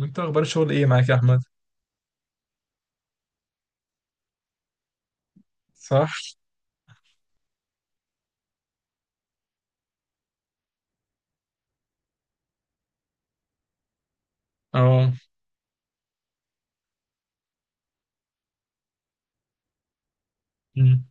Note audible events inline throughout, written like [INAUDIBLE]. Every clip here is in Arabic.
انت اخبار الشغل ايه معاك يا احمد؟ صح. اه. مم.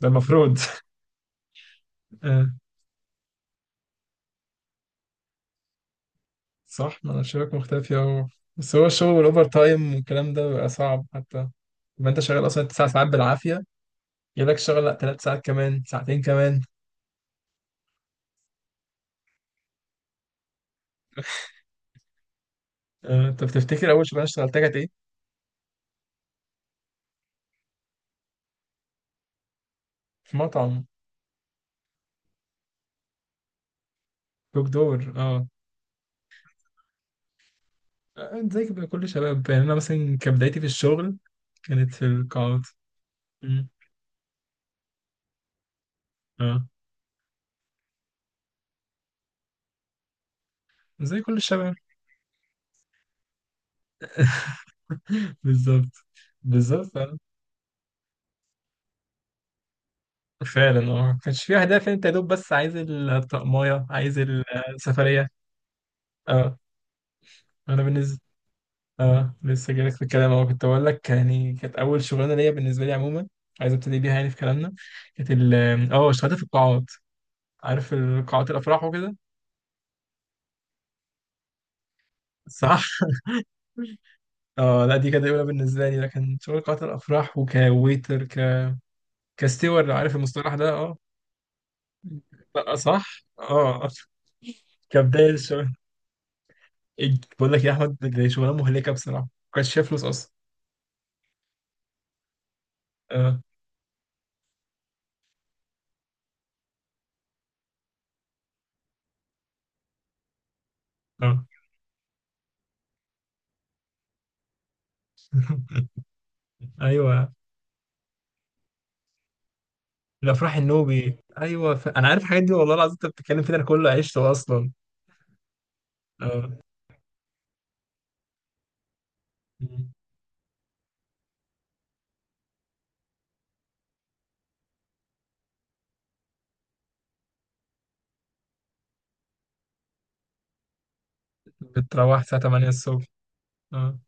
ده المفروض. [LAUGHS] آه. صح، ما انا شايفك مختفي اهو. بس هو الشغل والاوفر تايم والكلام ده بيبقى صعب، حتى لما انت شغال اصلا 9 ساعات بالعافيه جالك شغل، لا 3 ساعات كمان ساعتين كمان. آه. انت بتفتكر اول شغلانه اشتغلتها كانت ايه؟ في مطعم. دوك دور. اه. زي كده كل شباب، يعني انا مثلا كبدايتي في الشغل كانت في القاعات. مم. اه. زي كل الشباب. [LAUGHS] بالظبط. بالظبط. فعلا، ما كانش فيه اهداف، انت يا دوب بس عايز الطقمايه عايز السفريه. اه. انا بالنسبه اه لسه جايلك في الكلام اهو، كنت بقول لك يعني كانت اول شغلانه ليا بالنسبه لي عموما، عايز ابتدي بيها يعني في كلامنا. كانت ال اه اشتغلت في القاعات، عارف القاعات الافراح وكده. صح. [LAUGHS] اه لا دي كانت اولى بالنسبه لي، لكن شغل قاعات الافراح وكويتر ك كستيور لو عارف المصطلح ده. اه. لا صح. اه. كبدايه الشغل. بقول لك يا احمد، دي شغلانه مهلكه بصراحه ما كانش فيها فلوس اصلا. اه. اه. [LAUGHS] ايوه. الافراح النوبي ايوه... ف... انا عارف الحاجات دي والله العظيم، انت بتتكلم فيها انا كله عشته اصلا. اه. بتروح الساعه 8 الصبح. اه.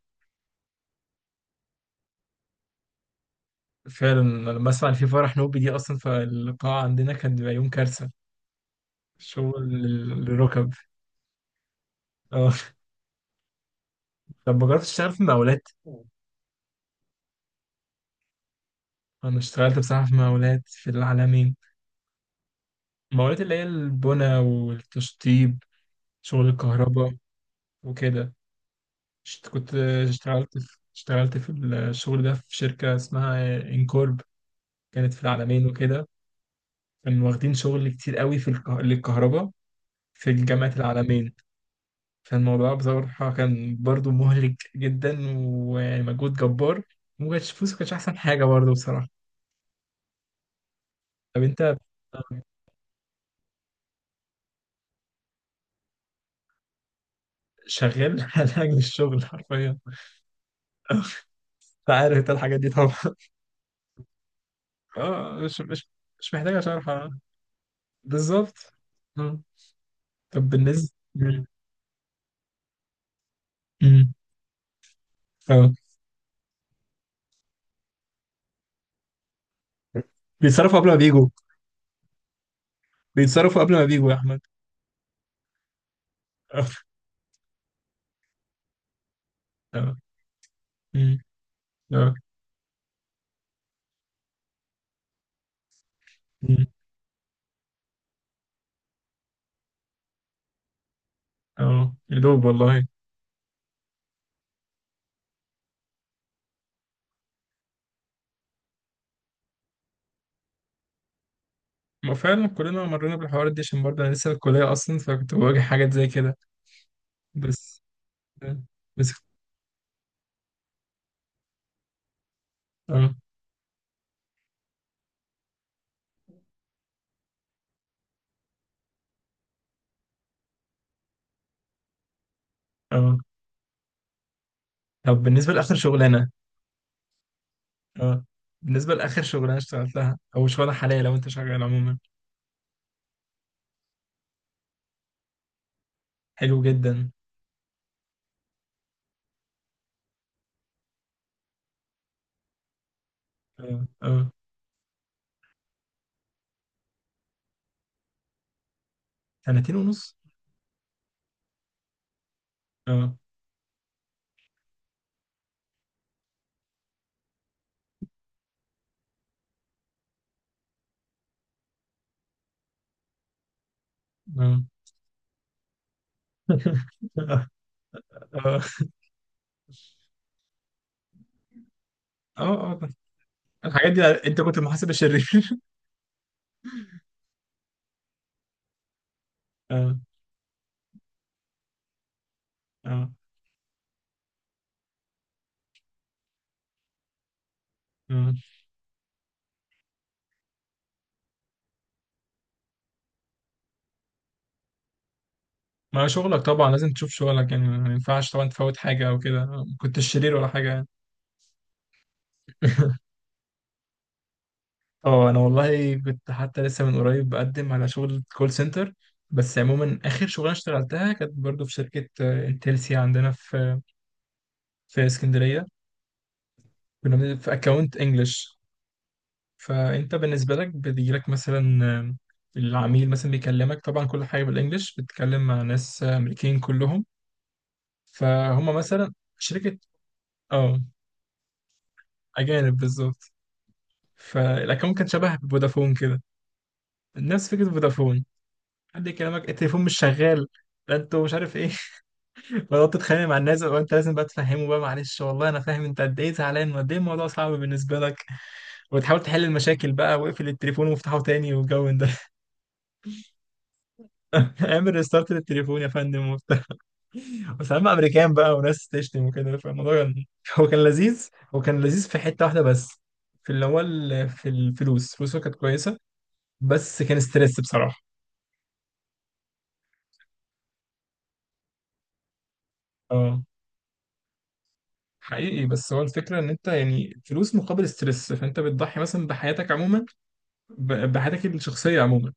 فعلا، أنا لما اسمع ان في فرح نوبي دي اصلا فالقاعه عندنا كان بيبقى يوم كارثه. شغل للركب. اه. طب ما جربتش تشتغل في مقاولات؟ انا اشتغلت بصراحه في مقاولات في العالمين. المقاولات اللي هي البنى والتشطيب، شغل الكهرباء وكده. كنت اشتغلت في الشغل ده في شركة اسمها انكورب، كانت في العالمين وكده. كانوا واخدين شغل كتير قوي في للكهرباء في الجامعة العالمين. فالموضوع بصراحة كان برضو مهلك جدا ومجهود جبار، ومكانش فلوس، كانش أحسن حاجة برضو بصراحة. طب أنت شغال [LAUGHS] على أجل الشغل حرفيا. أنت عارف أنت الحاجات دي طبعا. اه مش محتاجة شرح. آه. بالظبط. آه. طب بالنسبة. مم. مم. اه. بيتصرفوا قبل ما بيجوا، بيتصرفوا قبل ما بيجوا يا احمد. اه. أمم. اه. أمم. اه يا دوب والله. ما فعلا كلنا مرينا بالحوارات دي، عشان برضه انا لسه في الكليه اصلا، فكنت بواجه حاجات زي كده. بس. بس. اه. اه. طب بالنسبه لاخر شغلانه. اه بالنسبه لاخر شغلانه اشتغلتها او شغلانه حاليا لو انت شغال عموما. حلو جدا. اه. اه. سنتين ونص. اه. اه. [LAUGHS] اه. اه. آه. الحاجات دي. انت كنت المحاسب الشرير؟ [LAUGHS] اه. اه. مم. ما شغلك طبعا لازم تشوف شغلك، يعني ما ينفعش طبعا تفوت حاجة أو كده، ما كنتش شرير ولا حاجة يعني. [LAUGHS] اه أنا والله كنت حتى لسه من قريب بقدم على شغل كول سنتر. بس عموما آخر شغلانة اشتغلتها كانت برضو في شركة انتلسيا عندنا في اسكندرية. كنا في أكاونت إنجلش. فأنت بالنسبة لك بيجيلك مثلا العميل مثلا بيكلمك طبعا كل حاجة بالإنجلش، بتتكلم مع ناس أمريكان كلهم. فهم مثلا شركة. اه. أجانب بالظبط. فالاكونت كان شبه فودافون كده، نفس فكره فودافون. حد يكلمك التليفون مش شغال، لا انتوا مش عارف ايه. [LAUGHS] بدات تتخانق مع الناس وانت لازم بقى تفهمه بقى، معلش والله انا فاهم انت قد ايه زعلان وقد ايه الموضوع صعب بالنسبه لك، وتحاول تحل المشاكل بقى واقفل التليفون وافتحه تاني والجو من ده. [LAUGHS] اعمل ريستارت للتليفون يا فندم وبتاع، وسلام امريكان بقى وناس تشتم وكده، فالموضوع كان [LAUGHS] هو كان لذيذ. هو كان لذيذ في حته واحده بس، في اللي هو في الفلوس، فلوسه كانت كويسه. بس كان ستريس بصراحه. اه. حقيقي. بس هو الفكرة إن أنت يعني فلوس مقابل ستريس، فأنت بتضحي مثلا بحياتك عموما، بحياتك الشخصية عموما.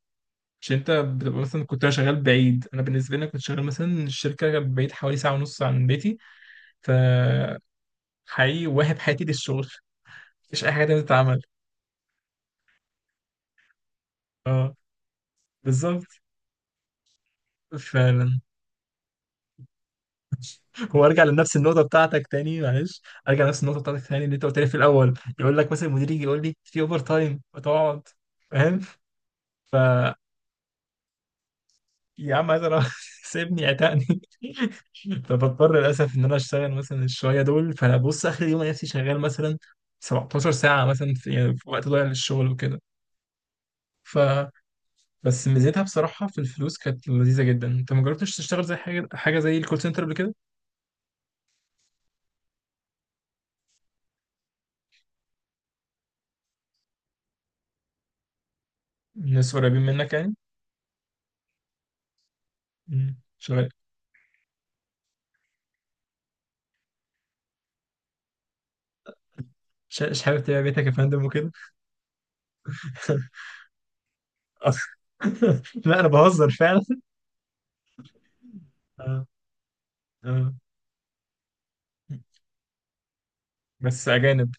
مش أنت بتبقى مثلا، كنت أنا شغال بعيد، أنا بالنسبة لي أنا كنت شغال مثلا الشركة بعيد حوالي ساعة ونص عن بيتي. ف حقيقي واهب حياتي للشغل، مفيش أي حاجة تانية تتعمل. أه. بالظبط. فعلا. هو أرجع لنفس النقطة بتاعتك تاني معلش، أرجع لنفس النقطة بتاعتك تاني اللي أنت قلت لي في الأول. يقول لك مثلا المدير يجي يقول لي في أوفر تايم وتقعد، فاهم. ف يا عم عايز اروح [LAUGHS] سيبني عتقني. [LAUGHS] فبضطر للاسف ان انا اشتغل مثلا الشويه دول، فانا بص اخر يوم ألاقي نفسي شغال مثلا 17 ساعه مثلا في، يعني في وقت ضايع للشغل وكده. ف بس ميزتها بصراحه في الفلوس كانت لذيذه جدا. انت ما جربتش تشتغل زي حاجه حاجه زي الكول سنتر قبل كده؟ الناس قريبين منك يعني. مم. شغال. مش حابب تبيع بيتك يا فندم وكده. [LAUGHS] لا انا بهزر فعلا. آه. آه. بس اجانب.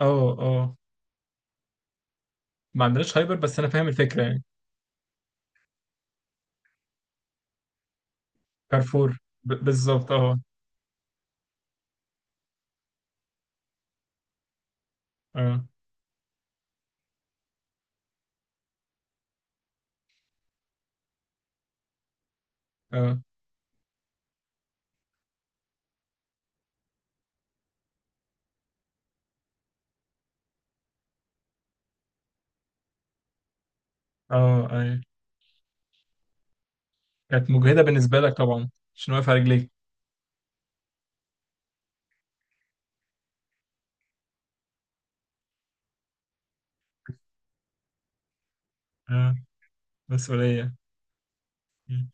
اه. اه. ما عندناش هايبر، بس انا فاهم الفكره يعني. كارفور. بالظبط اه. اه. اه. اه. ايوه. كانت مجهدة بالنسبة لك طبعا، عشان واقف على رجليك. اه. مسؤولية. مم.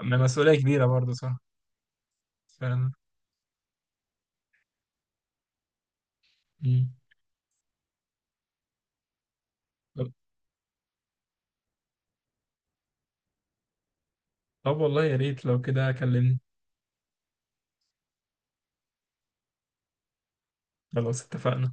أما مسؤولية كبيرة برضه، صح. فعلا. مم. طب. طب والله يا ريت لو كده كلمني. خلاص اتفقنا.